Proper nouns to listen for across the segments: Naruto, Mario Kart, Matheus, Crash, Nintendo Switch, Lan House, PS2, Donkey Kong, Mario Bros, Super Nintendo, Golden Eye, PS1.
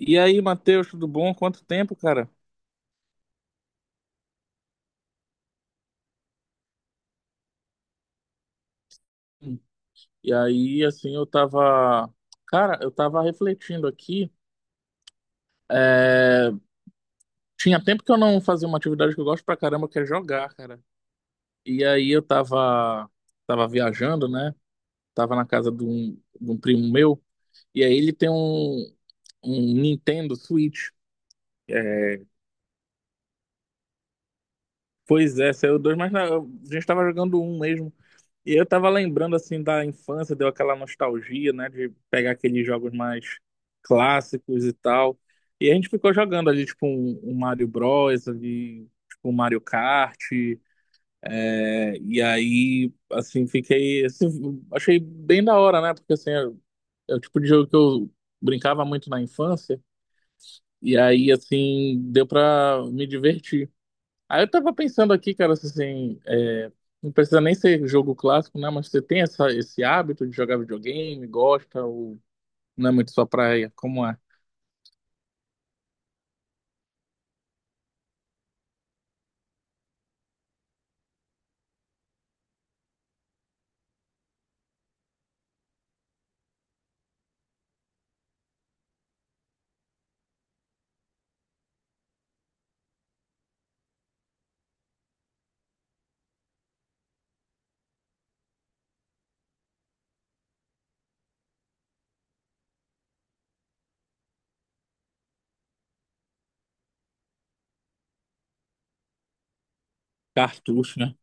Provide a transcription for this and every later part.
E aí, Matheus, tudo bom? Quanto tempo, cara? E aí, assim, eu tava. Cara, eu tava refletindo aqui. é, Tinha tempo que eu não fazia uma atividade que eu gosto pra caramba, que é jogar, cara. E aí eu tava. Tava viajando, né? Tava na casa de um primo meu. E aí ele tem um Nintendo Switch. É, Pois é, saiu dois, mas a gente tava jogando um mesmo. E eu tava lembrando assim da infância, deu aquela nostalgia, né, de pegar aqueles jogos mais clássicos e tal. E a gente ficou jogando ali tipo um Mario Bros, ali tipo um Mario Kart, e aí assim fiquei, assim, achei bem da hora, né? Porque assim, é o tipo de jogo que eu brincava muito na infância, e aí assim deu pra me divertir. Aí eu tava pensando aqui, cara, assim, não precisa nem ser jogo clássico, né? Mas você tem essa, esse hábito de jogar videogame, gosta, ou não é muito sua praia, como é? Cartucho, né?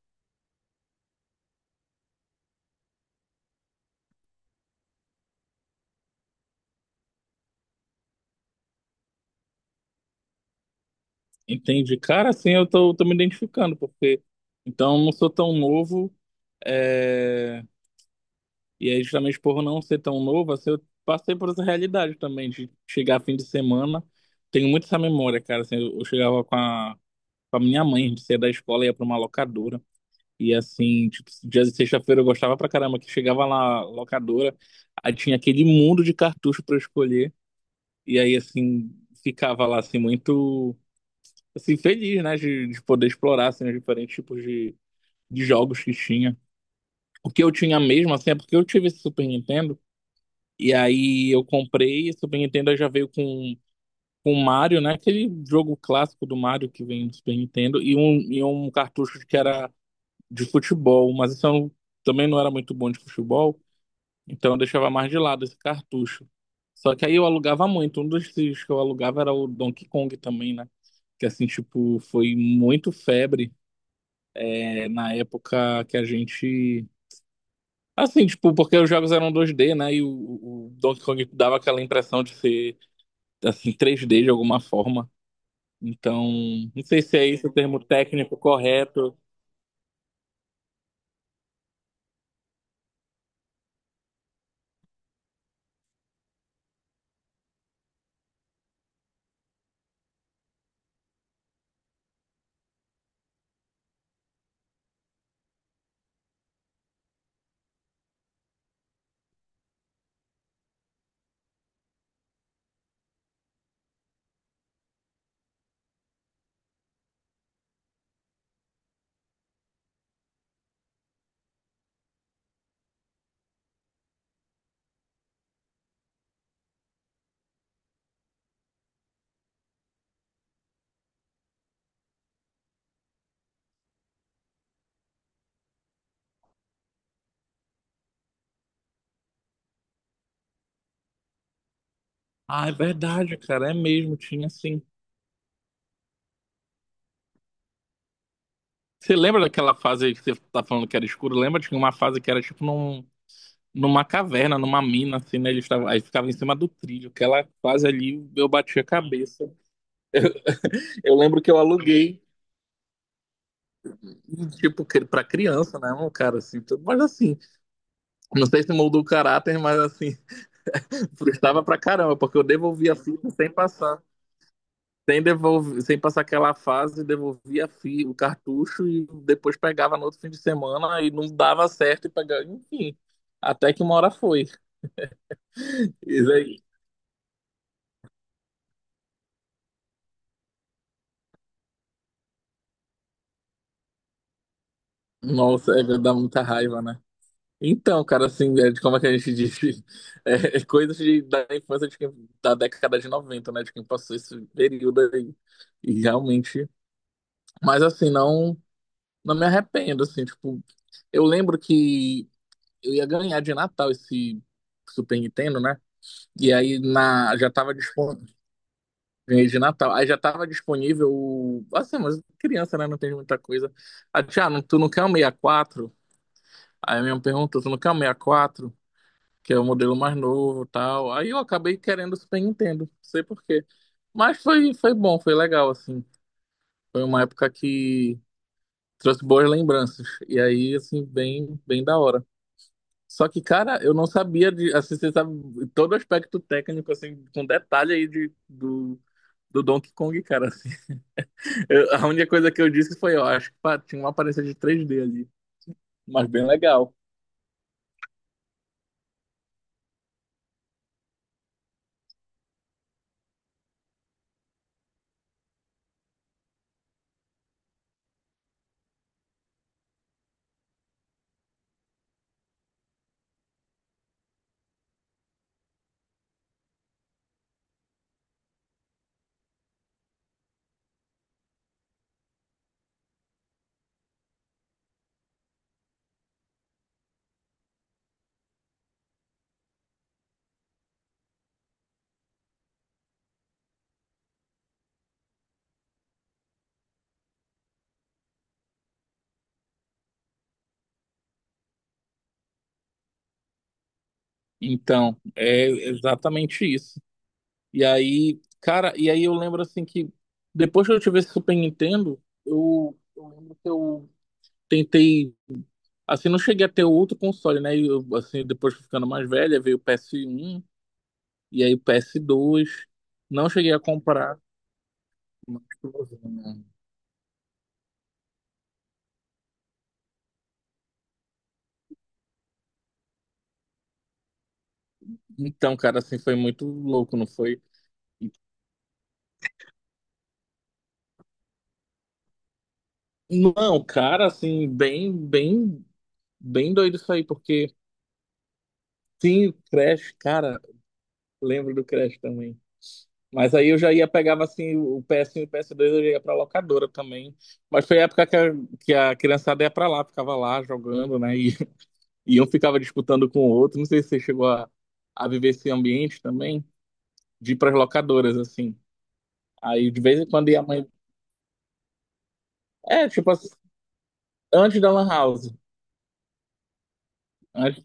Entende? Cara, assim, eu tô me identificando, porque então eu não sou tão novo, é, e aí justamente por não ser tão novo, assim, eu passei por essa realidade também, de chegar fim de semana, tenho muito essa memória, cara, assim, eu chegava com a minha mãe, a gente saía da escola e ia pra uma locadora. E assim, tipo, dia de sexta-feira eu gostava pra caramba, que chegava lá, locadora, aí tinha aquele mundo de cartucho pra eu escolher. E aí, assim, ficava lá, assim, muito, assim, feliz, né, de poder explorar, assim, os diferentes tipos de jogos que tinha. O que eu tinha mesmo, assim, é porque eu tive esse Super Nintendo, e aí eu comprei, esse Super Nintendo aí já veio com o Mario, né, aquele jogo clássico do Mario que vem no Super Nintendo, e um cartucho que era de futebol, mas isso eu não- também não era muito bom de futebol, então eu deixava mais de lado esse cartucho. Só que aí eu alugava muito. Um dos que eu alugava era o Donkey Kong também, né? Que assim, tipo, foi muito febre na época que a gente. Assim, tipo, porque os jogos eram 2D, né? E o Donkey Kong dava aquela impressão de ser, assim, 3D de alguma forma. Então, não sei se é esse o termo técnico correto. Ah, é verdade, cara, é mesmo, tinha assim. Você lembra daquela fase que você tá falando que era escuro? Lembra de uma fase que era tipo num, numa caverna, numa mina, assim, né? Eles tavam, aí ficava em cima do trilho. Aquela fase ali, eu bati a cabeça. Eu lembro que eu aluguei, tipo, pra criança, né? Um cara assim, tudo. Mas assim, não sei se moldou o caráter, mas assim, frustrava pra caramba, porque eu devolvia a fita sem passar. Sem, devolver, sem passar aquela fase, devolvia a o cartucho e depois pegava no outro fim de semana e não dava certo e pegava, enfim. Até que uma hora foi. Isso aí. Nossa, é, dá muita raiva, né? Então, cara, assim, é de como é que a gente diz? É coisas da infância de quem, da década de noventa, né? De quem passou esse período aí. E realmente. Mas, assim, não me arrependo, assim, tipo. Eu lembro que eu ia ganhar de Natal esse Super Nintendo, né? E aí já tava disponível. Ganhei de Natal. Aí já tava disponível. Assim, mas criança, né? Não tem muita coisa. Ah, Tiago, tu não quer um 64? Aí a minha pergunta, se não quer o 64, que é o modelo mais novo e tal. Aí eu acabei querendo o Super Nintendo, não sei por quê. Mas foi bom, foi legal, assim. Foi uma época que trouxe boas lembranças. E aí, assim, bem, bem da hora. Só que, cara, eu não sabia de, assim, você sabe todo o aspecto técnico, assim, com detalhe aí de, do Donkey Kong, cara, assim. A única coisa que eu disse foi, ó, acho que pá, tinha uma aparência de 3D ali, mas bem legal. Então, é exatamente isso. E aí, cara, e aí eu lembro assim que depois que eu tive esse Super Nintendo, eu lembro que eu tentei, assim, não cheguei a ter outro console, né? E eu, assim, depois ficando mais velha, veio o PS1 e aí o PS2. Não cheguei a comprar. Mas, né? Então, cara, assim, foi muito louco, não foi? Não, cara, assim, bem, bem, bem doido isso aí, porque sim, o Crash, cara, lembro do Crash também. Mas aí eu já ia, pegava assim o PS1 e o PS2, eu já ia pra locadora também. Mas foi a época que a criançada ia pra lá, ficava lá jogando, né? E, e um ficava disputando com o outro. Não sei se você chegou a viver esse ambiente também, de ir pras locadoras, assim. Aí de vez em quando ia a mãe. É, tipo assim, antes da Lan House. Antes,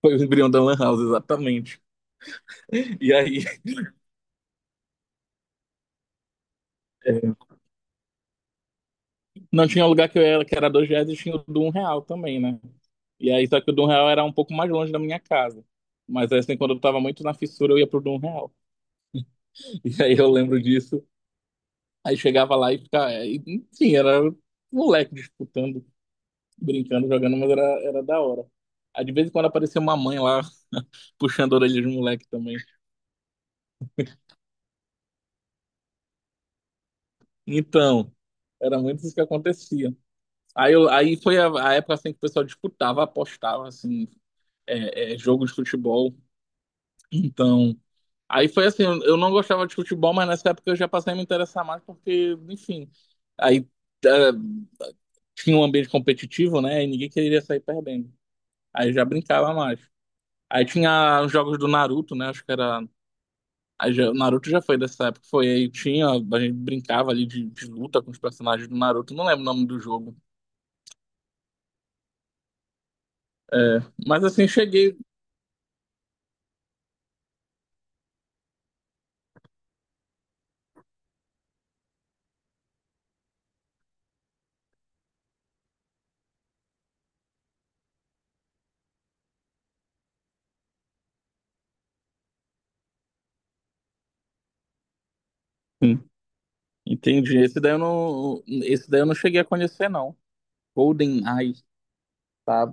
foi o embrião da Lan House, exatamente. E aí. é, Não tinha um lugar que eu era, que era R$ 2 e tinha o do R$ 1 também, né? E aí, só que o do R$ 1 era um pouco mais longe da minha casa. Mas assim, quando eu tava muito na fissura, eu ia pro do R$ 1. E aí eu lembro disso. Aí chegava lá e ficava. Enfim, era moleque disputando, brincando, jogando, mas era da hora. Aí de vez em quando aparecia uma mãe lá puxando a orelha de moleque também. Então, era muito isso que acontecia. Aí, aí foi a época assim, que o pessoal disputava, apostava, assim, jogo de futebol. Então, aí foi assim, eu não gostava de futebol, mas nessa época eu já passei a me interessar mais porque, enfim, aí eh, tinha um ambiente competitivo, né? E ninguém queria sair perdendo. Aí eu já brincava mais. Aí tinha os jogos do Naruto, né? Acho que era. O Naruto já foi dessa época. Foi aí, tinha. A gente brincava ali de luta com os personagens do Naruto. Não lembro o nome do jogo. É, mas assim, cheguei. Sim, entendi. Esse daí eu não cheguei a conhecer, não. Golden Eye, tá?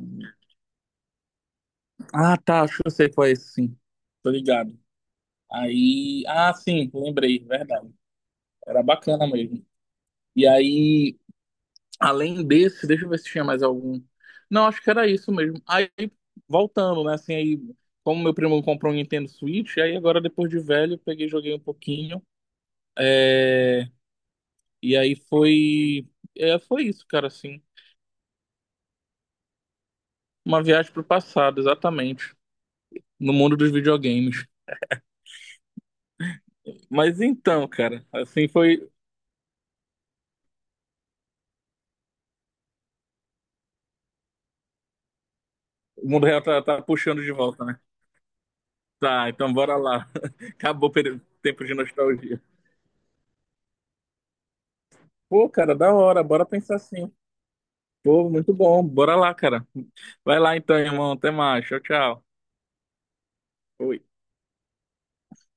Ah, tá, acho que eu sei qual é esse, sim. Tô ligado. Aí, ah, sim, lembrei, verdade. Era bacana mesmo. E aí, além desse, deixa eu ver se tinha mais algum. Não, acho que era isso mesmo. Aí, voltando, né? Assim, aí, como meu primo comprou um Nintendo Switch, aí agora, depois de velho, eu peguei, e joguei um pouquinho. É, e aí foi. É, foi isso, cara, assim. Uma viagem pro passado, exatamente. No mundo dos videogames. Mas então, cara, assim foi. O mundo real tá puxando de volta, né? Tá, então bora lá. Acabou o tempo de nostalgia. Pô, cara, da hora, bora pensar assim. Pô, muito bom. Bora lá, cara. Vai lá então, irmão. Até mais. Tchau, tchau. Fui.